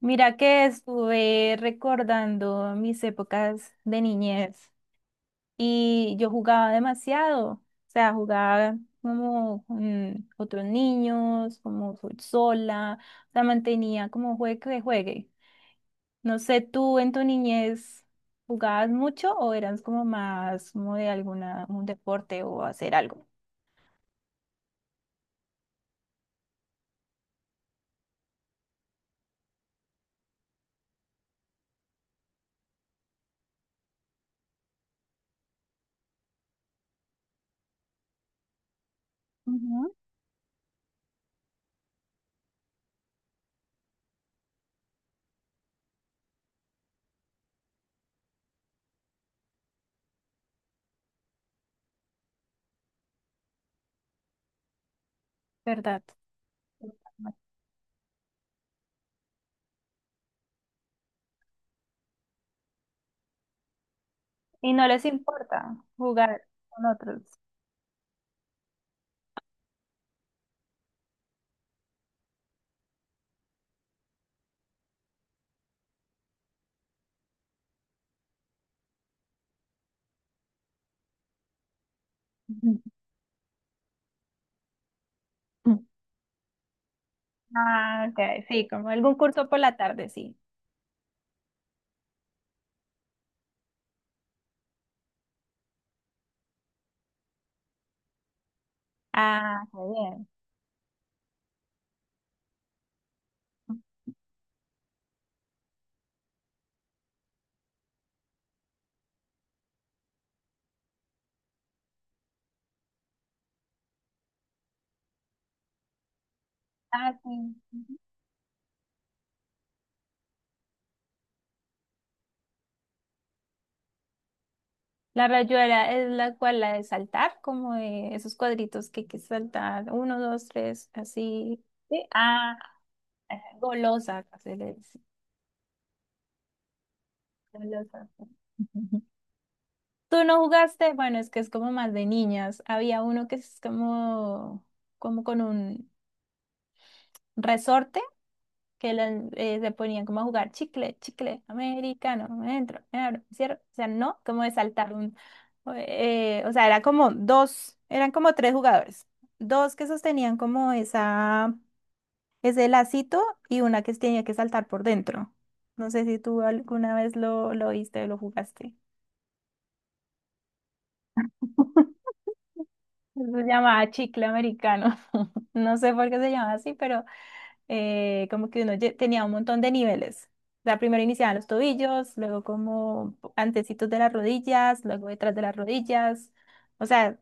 Mira que estuve recordando mis épocas de niñez y yo jugaba demasiado, o sea, jugaba como con otros niños, como sola, o sea, mantenía como juegue que juegue. No sé, ¿tú en tu niñez jugabas mucho o eras como más como de alguna, un deporte o hacer algo? Ujú, ¿verdad? Y no les importa jugar con otros. Ah, OK, sí, como algún curso por la tarde, sí. Ah, qué bien. Ah, sí. Ujú. La rayuela es la cual la de saltar, como de esos cuadritos que hay que saltar, uno, dos, tres, así. Sí. Ah, golosa, se le dice, golosa. Ujú. ¿Tú no jugaste? Bueno, es que es como más de niñas. Había uno que es como con un resorte. Que las, se ponían como a jugar chicle, chicle, americano, me entro, me abro, me cierro, o sea, no, como de saltar un, o sea, era como dos, eran como tres jugadores, dos que sostenían como esa, ese lacito y una que tenía que saltar por dentro. No sé si tú alguna vez lo viste o lo jugaste. Se llamaba chicle americano. No sé por qué se llama así, pero como que uno tenía un montón de niveles. O sea, primero iniciaban los tobillos, luego como antecitos de las rodillas, luego detrás de las rodillas. O sea,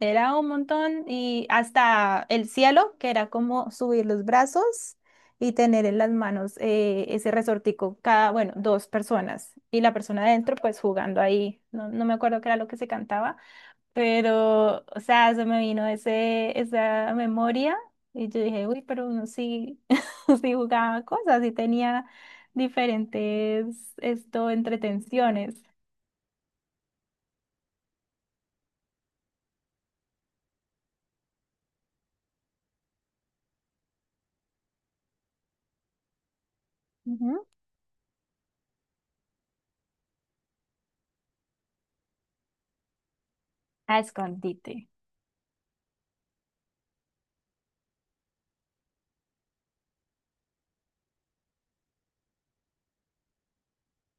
era un montón y hasta el cielo, que era como subir los brazos y tener en las manos ese resortico, cada, bueno, dos personas. Y la persona adentro, pues jugando ahí. No, no me acuerdo qué era lo que se cantaba, pero, o sea, se me vino esa memoria y yo dije, uy, pero uno sí, sí jugaba cosas, sí tenía diferentes, esto, entretenciones. Ujú. A escondite.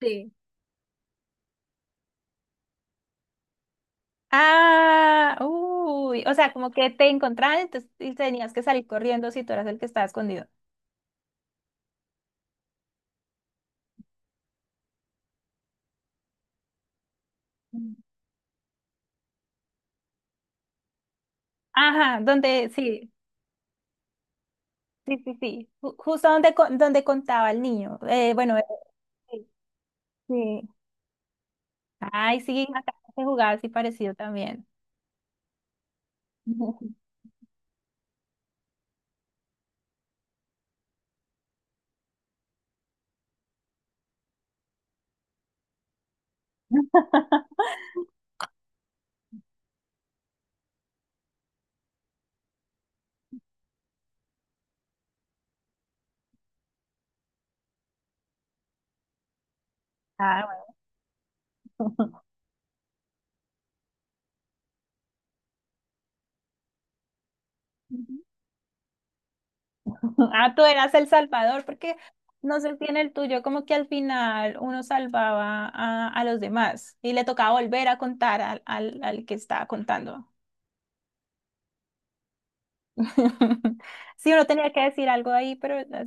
Sí. Ah, uy, o sea, como que te encontraban, entonces, y tenías que salir corriendo si tú eras el que estaba escondido. Mm. Ajá, donde, sí, sí, sí, sí, justo donde, donde contaba el niño. Bueno, sí. Ay, sí, acá se jugaba así parecido también. Ah, bueno. Ah, tú eras el salvador, porque no sé si en el tuyo como que al final uno salvaba a los demás y le tocaba volver a contar al que estaba contando. Sí, uno tenía que decir algo ahí, pero no sé,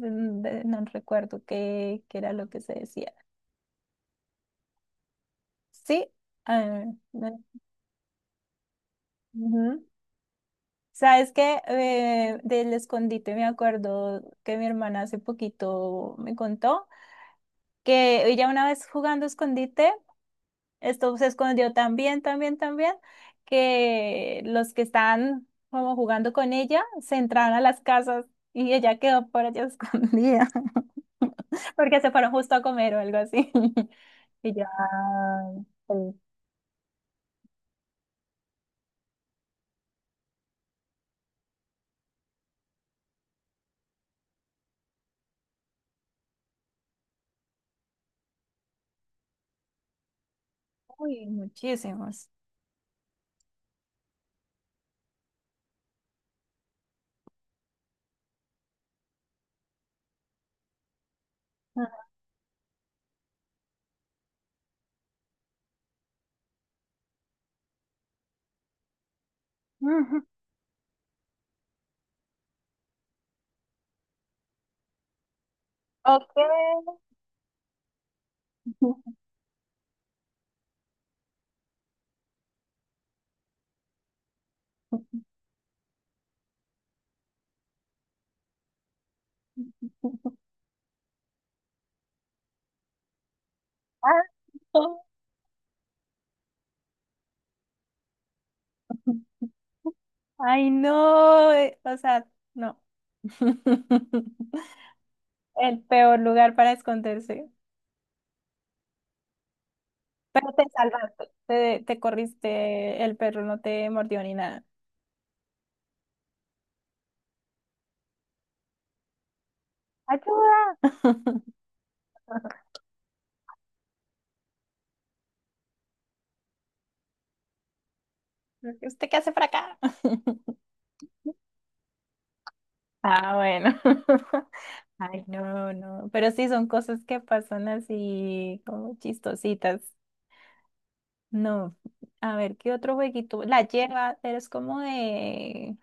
no recuerdo qué era lo que se decía. Sí. Ah, no, sabes que del escondite me acuerdo que mi hermana hace poquito me contó que ella una vez jugando escondite, esto se escondió tan bien, tan bien, tan bien, que los que estaban como jugando con ella se entraron a las casas y ella quedó por allá escondida porque se fueron justo a comer o algo así. Y ya, pues, uy, muchísimos. Ujú. OK. Ah, no. Ay, no, o sea, no, el peor lugar para esconderse. Pero te salvaste, te corriste, el perro no te mordió ni nada. ¡Ayuda! ¿Usted qué hace por acá? Ah, bueno. Ay, no, no. Pero sí son cosas que pasan así como chistositas. No. A ver, ¿qué otro jueguito? La lleva, pero es como de.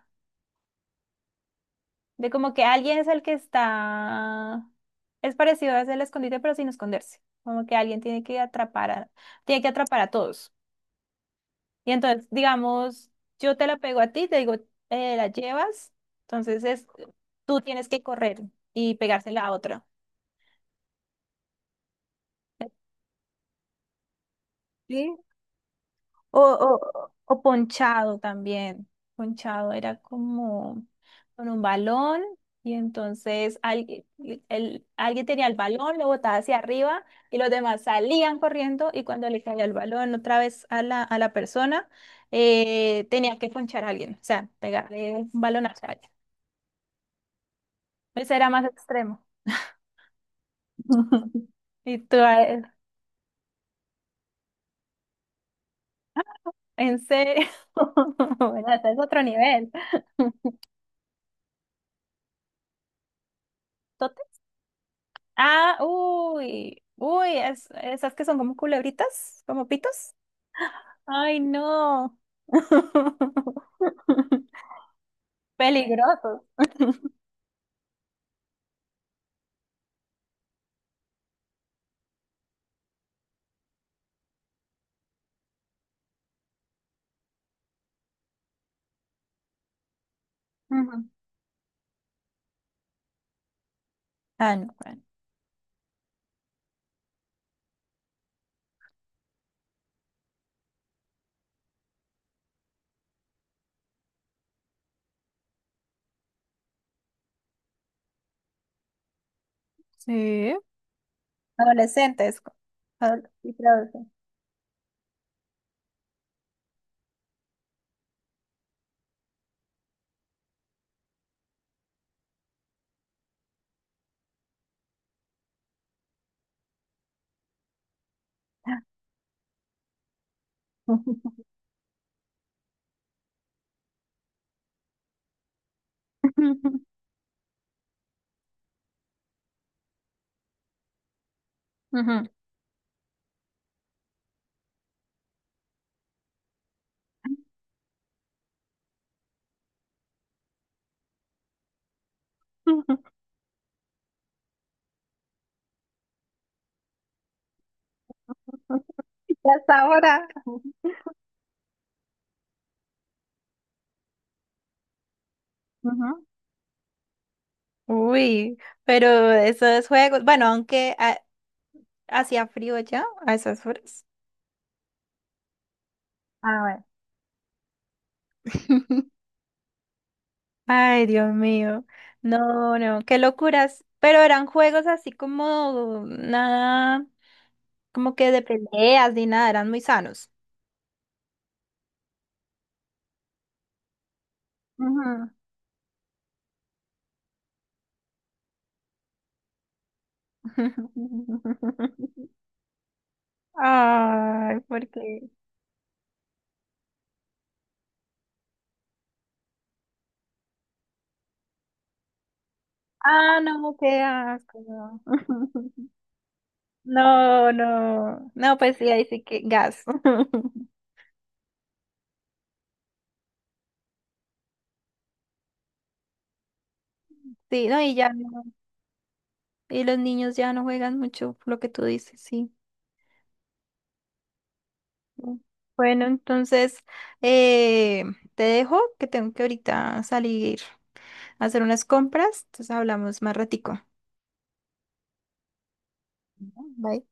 Como que alguien es el que está. Es parecido a el escondite, pero sin esconderse. Como que alguien tiene que atrapar a todos. Y entonces, digamos, yo te la pego a ti, te digo, la llevas. Entonces tú tienes que correr y pegársela a otra. Sí. O ponchado también. Ponchado era como con un balón y entonces alguien, alguien tenía el balón, lo botaba hacia arriba y los demás salían corriendo y cuando le caía el balón otra vez a la persona, tenía que ponchar a alguien, o sea, pegarle un balonazo a alguien. Ese era más extremo. Y tú, ¿en serio? Bueno, hasta es otro nivel. Ah, uy, uy, esas que son como culebritas, como pitos. Ay, no. Peligrosos. Ujú. Ah, no, bueno. Sí. Adolescentes. Co- adol- y preadolescentes. Ujú. Ya hasta ahora. Ujú. Uy, pero esos juegos, bueno, aunque hacía frío ya a esas horas. Ah, bueno. Ay, Dios mío. No, no, qué locuras. Pero eran juegos así como nada, como que de peleas ni nada, eran muy sanos. Ujú. Ay, ¿por qué? Ah, no, qué asco. No, no, no, no, pues sí, ahí sí que gas. Sí, no, y ya no. Y los niños ya no juegan mucho, lo que tú dices, sí. Mm. Bueno, entonces eh, te dejo que tengo que ahorita salir a hacer unas compras, entonces hablamos más ratico. Bye.